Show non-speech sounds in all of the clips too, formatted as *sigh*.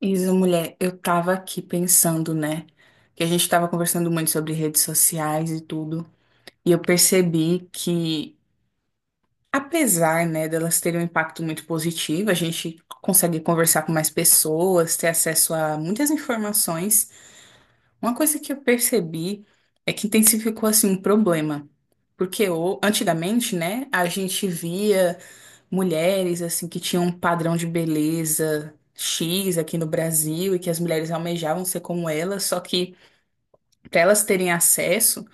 Isa, mulher, eu tava aqui pensando, né? Que a gente tava conversando muito sobre redes sociais e tudo. E eu percebi que, apesar, né, delas terem um impacto muito positivo, a gente consegue conversar com mais pessoas, ter acesso a muitas informações. Uma coisa que eu percebi é que intensificou, assim, um problema. Porque antigamente, né, a gente via mulheres assim que tinham um padrão de beleza X aqui no Brasil e que as mulheres almejavam ser como elas, só que para elas terem acesso,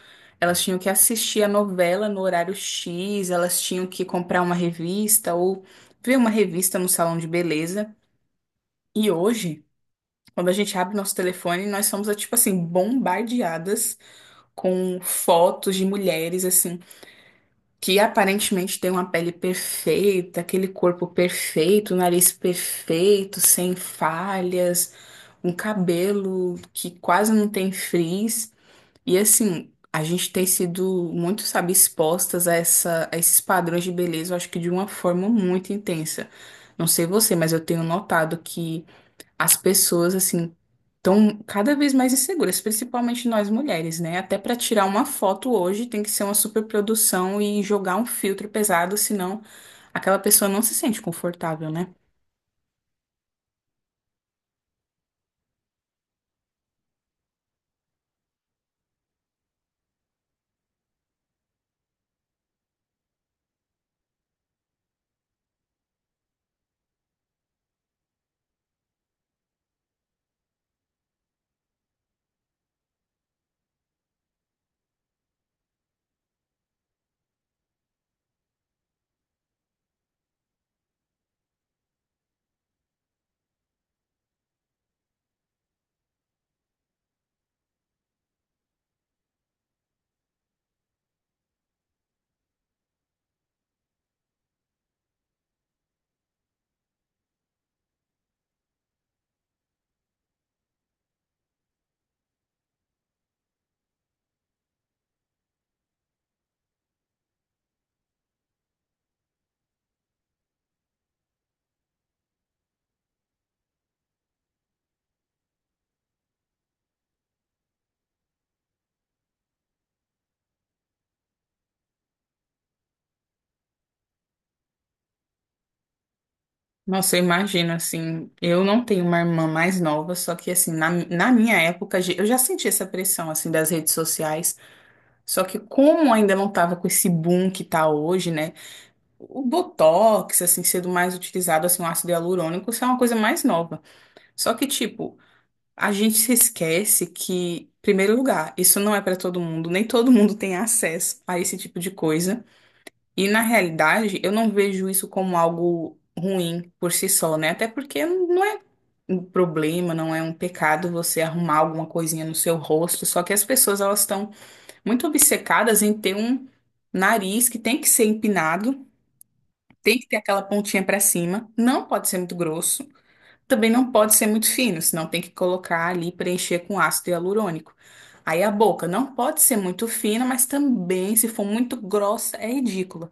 elas tinham que assistir a novela no horário X, elas tinham que comprar uma revista ou ver uma revista no salão de beleza. E hoje, quando a gente abre nosso telefone, nós somos tipo assim bombardeadas com fotos de mulheres assim que aparentemente tem uma pele perfeita, aquele corpo perfeito, nariz perfeito, sem falhas, um cabelo que quase não tem frizz. E assim, a gente tem sido muito, sabe, expostas a esses padrões de beleza, eu acho que de uma forma muito intensa. Não sei você, mas eu tenho notado que as pessoas, assim, estão cada vez mais inseguras, principalmente nós mulheres, né? Até para tirar uma foto hoje tem que ser uma superprodução e jogar um filtro pesado, senão aquela pessoa não se sente confortável, né? Nossa, eu imagino assim, eu não tenho uma irmã mais nova, só que assim, na minha época, eu já senti essa pressão assim das redes sociais, só que como ainda não tava com esse boom que tá hoje, né? O Botox, assim, sendo mais utilizado, assim, o ácido hialurônico, isso é uma coisa mais nova. Só que, tipo, a gente se esquece que, em primeiro lugar, isso não é para todo mundo, nem todo mundo tem acesso a esse tipo de coisa. E na realidade, eu não vejo isso como algo ruim por si só, né? Até porque não é um problema, não é um pecado você arrumar alguma coisinha no seu rosto, só que as pessoas elas estão muito obcecadas em ter um nariz que tem que ser empinado, tem que ter aquela pontinha para cima, não pode ser muito grosso. Também não pode ser muito fino, senão tem que colocar ali, preencher com ácido hialurônico. Aí a boca não pode ser muito fina, mas também, se for muito grossa, é ridícula.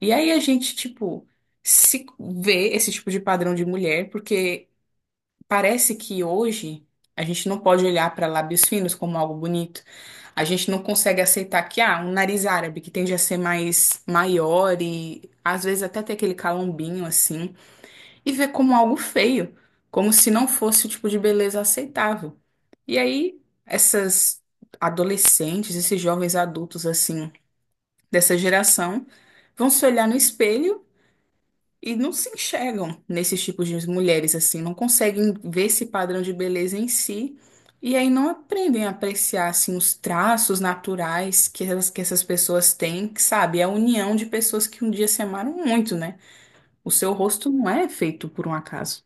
E aí a gente, tipo, se vê esse tipo de padrão de mulher, porque parece que hoje a gente não pode olhar para lábios finos como algo bonito. A gente não consegue aceitar que, ah, um nariz árabe que tende a ser mais maior e às vezes até ter aquele calombinho assim e vê como algo feio, como se não fosse o tipo de beleza aceitável. E aí, essas adolescentes, esses jovens adultos assim, dessa geração, vão se olhar no espelho e não se enxergam nesses tipos de mulheres assim, não conseguem ver esse padrão de beleza em si. E aí não aprendem a apreciar assim os traços naturais que essas pessoas têm, que, sabe? É a união de pessoas que um dia se amaram muito, né? O seu rosto não é feito por um acaso.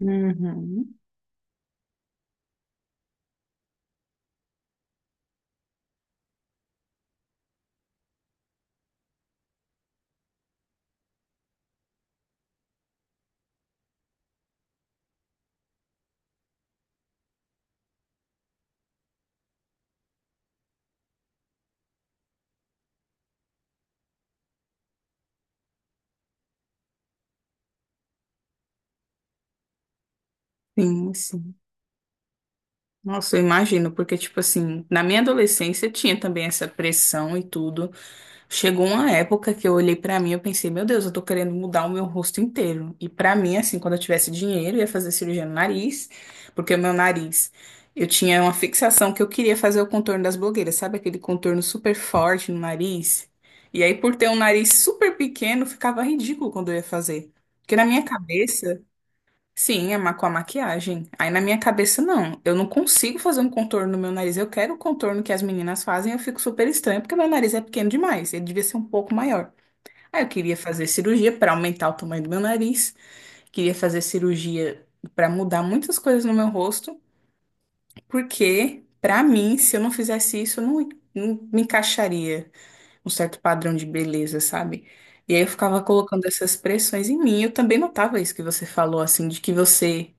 Uhum. Sim, sim. Nossa, eu imagino, porque, tipo assim, na minha adolescência tinha também essa pressão e tudo. Chegou uma época que eu olhei pra mim e eu pensei, meu Deus, eu tô querendo mudar o meu rosto inteiro. E pra mim, assim, quando eu tivesse dinheiro, eu ia fazer cirurgia no nariz, porque o meu nariz, eu tinha uma fixação que eu queria fazer o contorno das blogueiras, sabe? Aquele contorno super forte no nariz. E aí, por ter um nariz super pequeno, ficava ridículo quando eu ia fazer. Porque na minha cabeça, sim, é com a maquiagem. Aí na minha cabeça, não. Eu não consigo fazer um contorno no meu nariz. Eu quero o contorno que as meninas fazem, eu fico super estranha, porque meu nariz é pequeno demais. Ele devia ser um pouco maior. Aí eu queria fazer cirurgia para aumentar o tamanho do meu nariz, queria fazer cirurgia para mudar muitas coisas no meu rosto, porque, para mim, se eu não fizesse isso, eu não me encaixaria um certo padrão de beleza, sabe? E aí eu ficava colocando essas pressões em mim. Eu também notava isso que você falou, assim, de que você,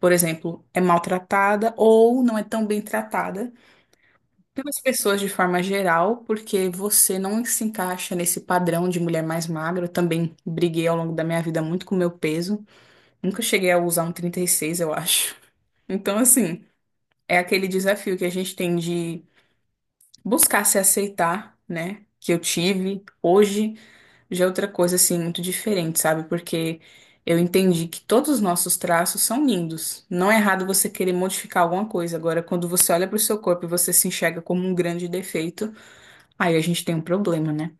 por exemplo, é maltratada ou não é tão bem tratada pelas pessoas de forma geral, porque você não se encaixa nesse padrão de mulher mais magra. Eu também briguei ao longo da minha vida muito com o meu peso. Nunca cheguei a usar um 36, eu acho. *laughs* Então, assim, é aquele desafio que a gente tem de buscar se aceitar, né? Que eu tive hoje. Já é outra coisa, assim, muito diferente, sabe? Porque eu entendi que todos os nossos traços são lindos. Não é errado você querer modificar alguma coisa. Agora, quando você olha para o seu corpo e você se enxerga como um grande defeito, aí a gente tem um problema, né?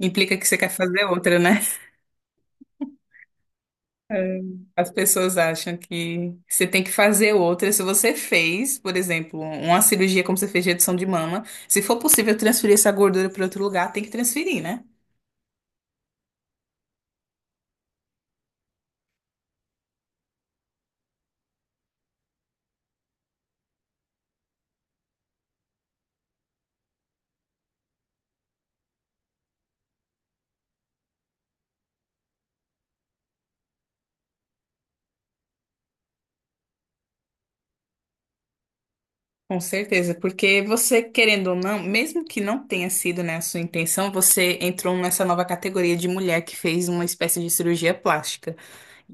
Implica que você quer fazer outra, né? É. As pessoas acham que você tem que fazer outra. Se você fez, por exemplo, uma cirurgia como você fez de redução de mama, se for possível transferir essa gordura para outro lugar, tem que transferir, né? Com certeza, porque você, querendo ou não, mesmo que não tenha sido, né, a sua intenção, você entrou nessa nova categoria de mulher que fez uma espécie de cirurgia plástica.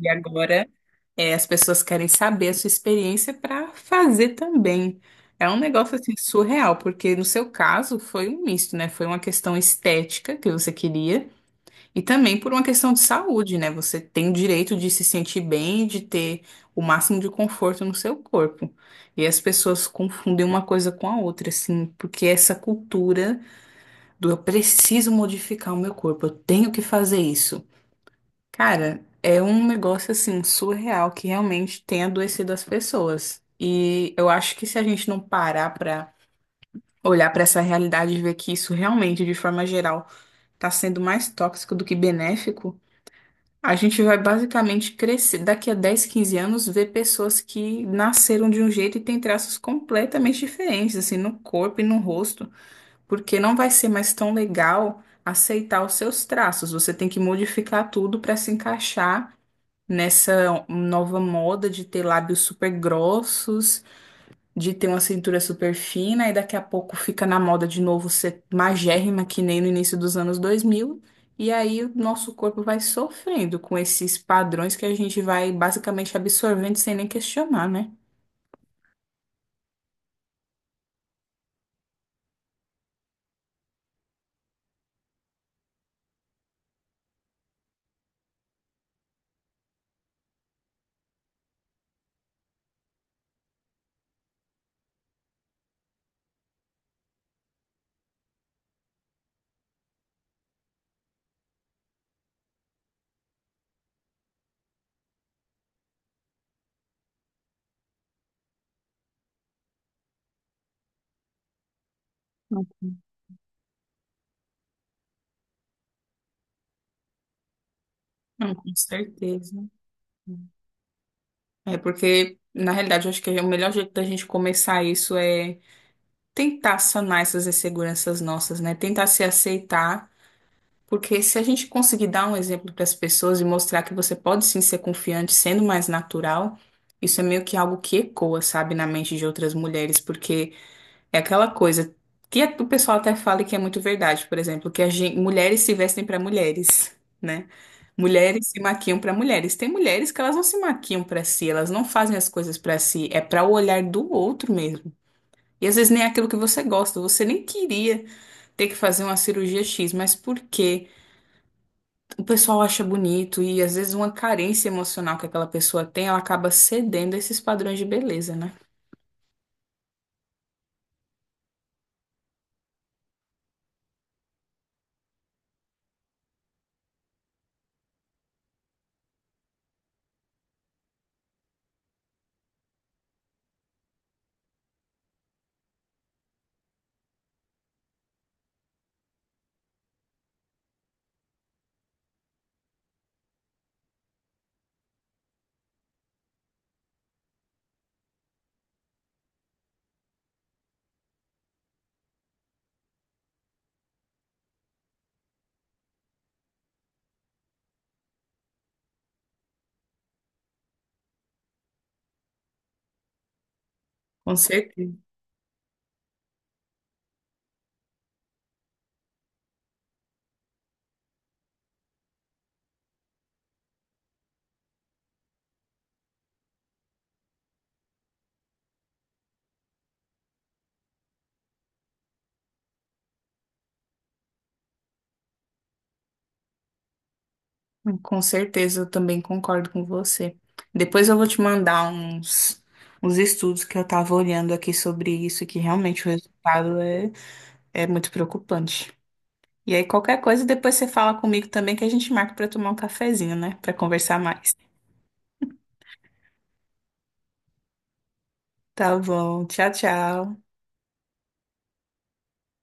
E agora, é, as pessoas querem saber a sua experiência para fazer também. É um negócio assim surreal, porque no seu caso foi um misto, né? Foi uma questão estética que você queria. E também por uma questão de saúde, né? Você tem o direito de se sentir bem, de ter o máximo de conforto no seu corpo. E as pessoas confundem uma coisa com a outra, assim, porque essa cultura do eu preciso modificar o meu corpo, eu tenho que fazer isso. Cara, é um negócio assim surreal que realmente tem adoecido as pessoas. E eu acho que se a gente não parar pra olhar pra essa realidade e ver que isso realmente, de forma geral, tá sendo mais tóxico do que benéfico, a gente vai basicamente crescer, daqui a 10, 15 anos, ver pessoas que nasceram de um jeito e têm traços completamente diferentes, assim, no corpo e no rosto, porque não vai ser mais tão legal aceitar os seus traços. Você tem que modificar tudo para se encaixar nessa nova moda de ter lábios super grossos, de ter uma cintura super fina e daqui a pouco fica na moda de novo ser magérrima, que nem no início dos anos dois mil. E aí o nosso corpo vai sofrendo com esses padrões que a gente vai basicamente absorvendo sem nem questionar, né? Não. Não, com certeza. É porque, na realidade, eu acho que o melhor jeito da gente começar isso é tentar sanar essas inseguranças nossas, né? Tentar se aceitar. Porque se a gente conseguir dar um exemplo para as pessoas e mostrar que você pode sim ser confiante sendo mais natural, isso é meio que algo que ecoa, sabe, na mente de outras mulheres, porque é aquela coisa que o pessoal até fala e que é muito verdade, por exemplo, que a mulheres se vestem para mulheres, né? Mulheres se maquiam para mulheres. Tem mulheres que elas não se maquiam para si, elas não fazem as coisas para si, é para o olhar do outro mesmo. E às vezes nem é aquilo que você gosta, você nem queria ter que fazer uma cirurgia X, mas por quê? O pessoal acha bonito e às vezes uma carência emocional que aquela pessoa tem, ela acaba cedendo a esses padrões de beleza, né? Com certeza. Com certeza, eu também concordo com você. Depois eu vou te mandar uns, estudos que eu tava olhando aqui sobre isso, que realmente o resultado é muito preocupante. E aí, qualquer coisa, depois você fala comigo também que a gente marca pra tomar um cafezinho, né? Pra conversar mais. Tá bom. Tchau, tchau.